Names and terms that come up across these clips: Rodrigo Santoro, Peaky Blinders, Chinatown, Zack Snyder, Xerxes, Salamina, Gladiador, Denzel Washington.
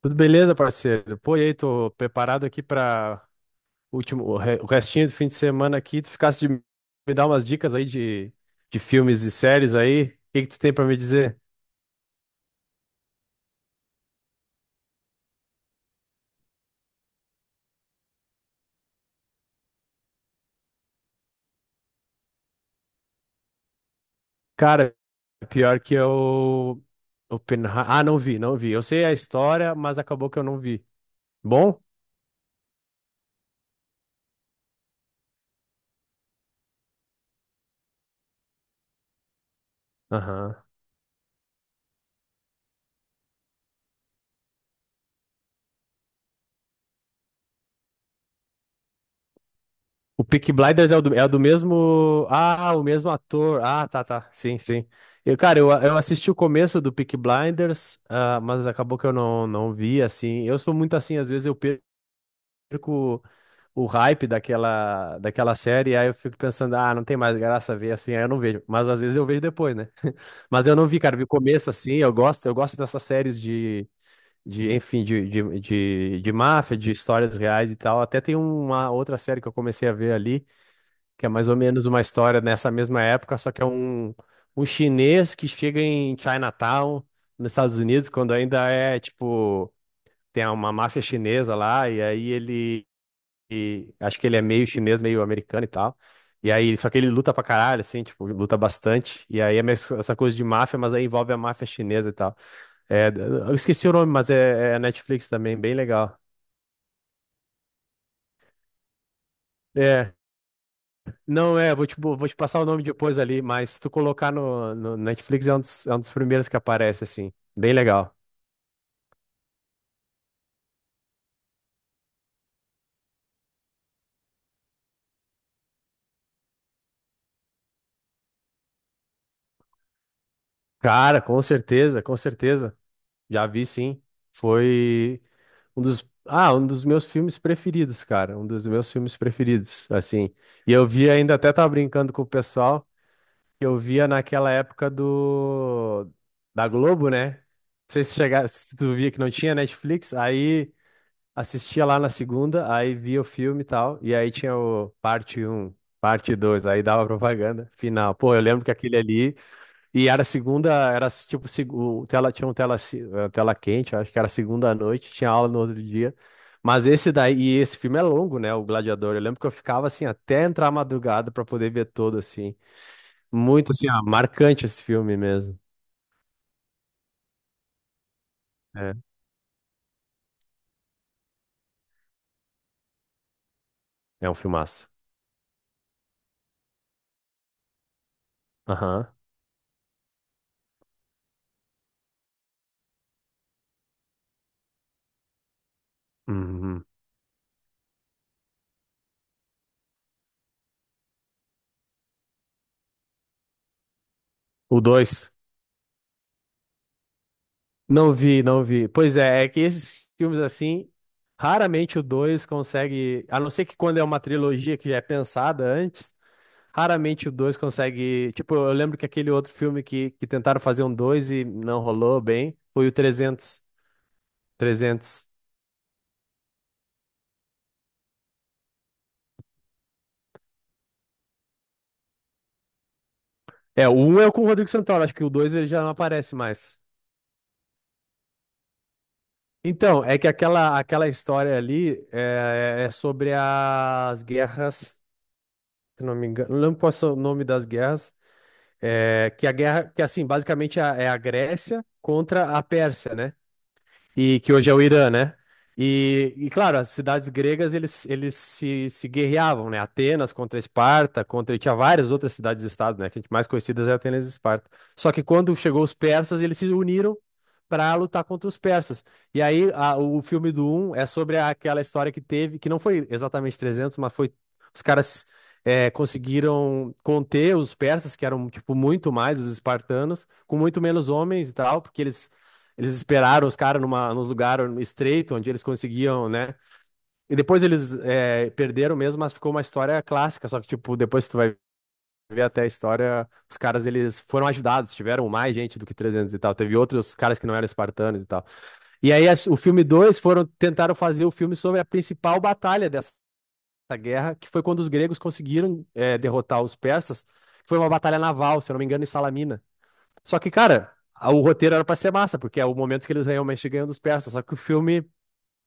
Tudo beleza, parceiro? Pô, e aí, tô preparado aqui para último, o restinho do fim de semana aqui. Tu ficasse de me dar umas dicas aí de filmes e séries aí. O que que tu tem para me dizer? Cara, pior que eu. Ah, não vi, não vi. Eu sei a história, mas acabou que eu não vi. Bom? O Peaky Blinders é o do mesmo. Ah, o mesmo ator. Ah, tá, tá. Sim, sim. Eu, cara, eu assisti o começo do Peaky Blinders, mas acabou que eu não, não vi, assim. Eu sou muito assim, às vezes eu perco o hype daquela série, aí eu fico pensando, ah, não tem mais graça ver, assim, aí eu não vejo. Mas às vezes eu vejo depois, né? Mas eu não vi, cara, vi o começo, assim, eu gosto dessas séries de. De, enfim, de máfia, de histórias reais e tal. Até tem uma outra série que eu comecei a ver ali, que é mais ou menos uma história nessa mesma época, só que é um chinês que chega em Chinatown, nos Estados Unidos, quando ainda é, tipo, tem uma máfia chinesa lá, e aí ele, acho que ele é meio chinês, meio americano e tal. E aí, só que ele luta pra caralho, assim, tipo, luta bastante. E aí é meio essa coisa de máfia, mas aí envolve a máfia chinesa e tal. É, eu esqueci o nome, mas é Netflix também, bem legal. É, não é, vou te passar o nome depois ali, mas se tu colocar no Netflix é um dos primeiros que aparece, assim. Bem legal. Cara, com certeza, com certeza. Já vi, sim. Foi um dos meus filmes preferidos, cara. Um dos meus filmes preferidos, assim. E eu vi ainda, até tava brincando com o pessoal, que eu via naquela época do da Globo, né? Não sei se tu via que não tinha Netflix, aí assistia lá na segunda, aí via o filme e tal, e aí tinha o parte um, parte dois, aí dava propaganda, final. Pô, eu lembro que aquele ali, e era segunda, era tipo, o tela, tinha um tela, tela quente, acho que era segunda à noite, tinha aula no outro dia. Mas esse daí, e esse filme é longo, né, o Gladiador, eu lembro que eu ficava assim, até entrar a madrugada pra poder ver todo, assim. Muito, assim, ó, marcante esse filme mesmo. É, é um filmaço. Aham. Uhum. O dois. Não vi, não vi. Pois é, é que esses filmes assim, raramente o dois consegue, a não ser que quando é uma trilogia que já é pensada antes, raramente o dois consegue, tipo, eu lembro que aquele outro filme que tentaram fazer um dois e não rolou bem, foi o 300, 300. É, o um é com o Rodrigo Santoro, acho que o dois ele já não aparece mais. Então, é que aquela história ali é sobre as guerras, se não me engano, não lembro qual é o nome das guerras. É, que a guerra, que assim, basicamente é a Grécia contra a Pérsia, né? E que hoje é o Irã, né? E, claro, as cidades gregas eles se guerreavam, né? Atenas contra Esparta, contra e tinha várias outras cidades-estado, né? Que a gente mais conhecidas é Atenas e Esparta. Só que quando chegou os persas, eles se uniram para lutar contra os persas. E aí o filme do um é sobre aquela história que teve, que não foi exatamente 300, mas foi os caras conseguiram conter os persas, que eram tipo muito mais os espartanos, com muito menos homens e tal, porque eles esperaram os caras nos lugares estreito, onde eles conseguiam, né? E depois eles perderam mesmo, mas ficou uma história clássica. Só que, tipo, depois tu vai ver até a história, os caras, eles foram ajudados, tiveram mais gente do que 300 e tal. Teve outros caras que não eram espartanos e tal. E aí, o filme 2 foram, tentaram fazer o filme sobre a principal batalha dessa guerra, que foi quando os gregos conseguiram derrotar os persas. Foi uma batalha naval, se eu não me engano, em Salamina. Só que, cara, o roteiro era pra ser massa, porque é o momento que eles realmente ganham dos persas. Só que o filme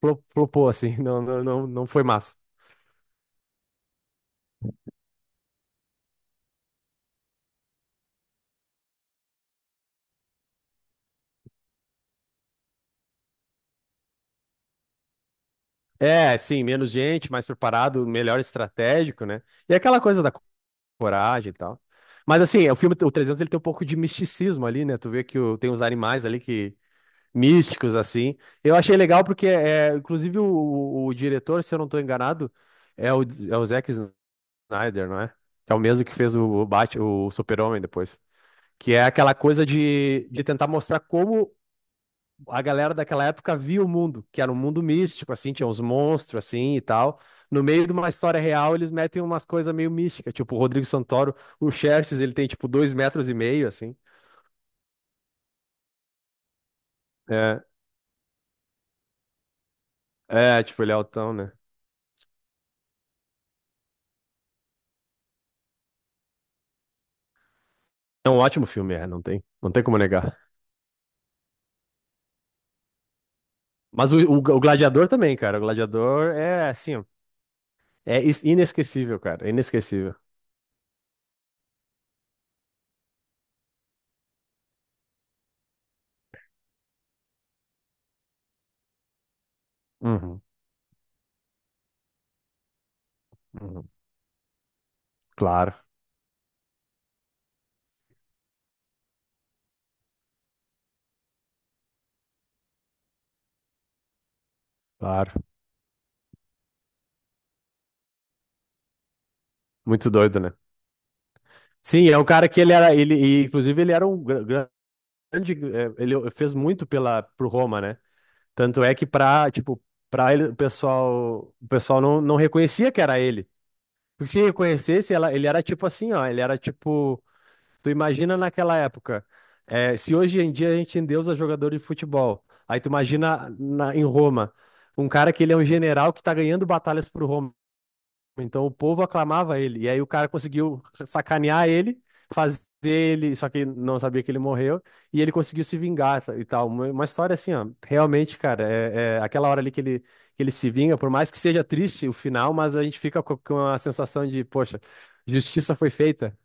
flopou, assim, não, não, não, não foi massa. É, sim, menos gente, mais preparado, melhor estratégico, né? E é aquela coisa da coragem e tal. Mas, assim, o filme, o 300, ele tem um pouco de misticismo ali, né? Tu vê que tem uns animais ali que. Místicos, assim. Eu achei legal porque, inclusive, o diretor, se eu não tô enganado, é o Zack Snyder, não é? Que é o mesmo que fez o Super-Homem depois. Que é aquela coisa de tentar mostrar como a galera daquela época via o mundo, que era um mundo místico, assim, tinha uns monstros, assim, e tal. No meio de uma história real, eles metem umas coisas meio místicas, tipo o Rodrigo Santoro, o Xerxes, ele tem, tipo, 2,5 metros, assim. É, é tipo, ele é altão, né? É um ótimo filme, não tem, não tem como negar. Mas o Gladiador também, cara, o Gladiador é, assim, ó, é inesquecível, cara, é inesquecível. Uhum, uhum. Claro, claro. Muito doido, né? Sim, é um cara que ele era, inclusive ele era um grande, ele fez muito pela pro Roma, né? Tanto é que pra, tipo, pra ele, o pessoal não, não reconhecia que era ele. Porque se reconhecesse, ele era tipo assim, ó, ele era tipo, tu imagina naquela época, se hoje em dia a gente endeusa jogador de futebol, aí tu imagina em Roma, um cara que ele é um general que tá ganhando batalhas pro Roma. Então o povo aclamava ele. E aí o cara conseguiu sacanear ele, fazer ele, só que não sabia que ele morreu, e ele conseguiu se vingar tá, e tal. Uma história assim, ó. Realmente, cara, é aquela hora ali que ele, se vinga, por mais que seja triste o final, mas a gente fica com a sensação de, poxa, justiça foi feita.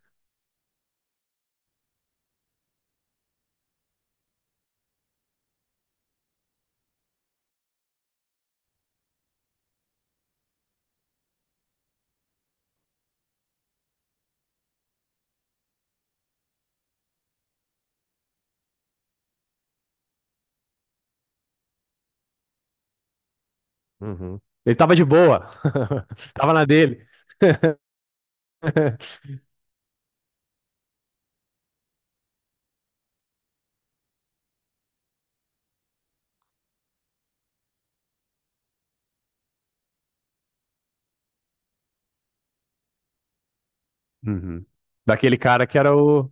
Uhum. Ele tava de boa, tava na dele. Uhum. Daquele cara que era o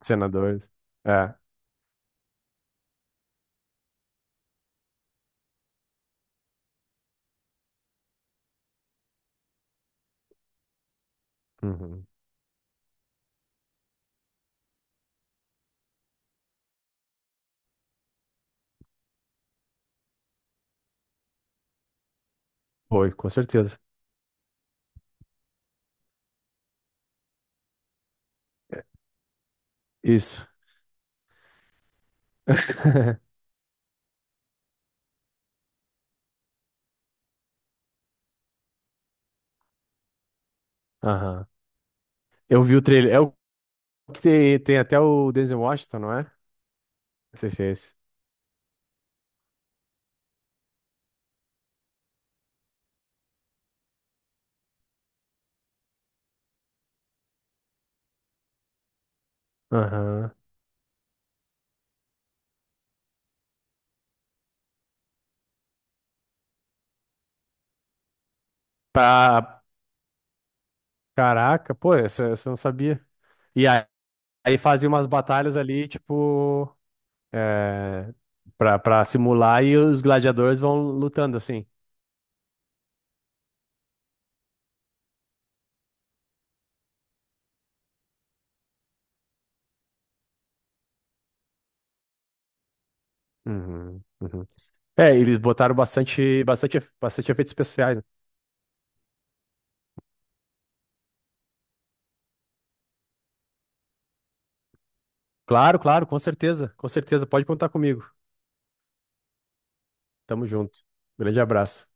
senador. Uhum. Foi, com certeza. Isso. Aham. Eu vi o trailer. É o que tem até o Denzel Washington, não é? Não sei se é esse. Aham. Pra. Caraca, pô, essa eu não sabia. E aí, fazia umas batalhas ali, tipo, é, pra simular e os gladiadores vão lutando, assim. Uhum, uhum. É, eles botaram bastante efeitos especiais, né? Claro, claro, com certeza, com certeza. Pode contar comigo. Tamo junto. Grande abraço.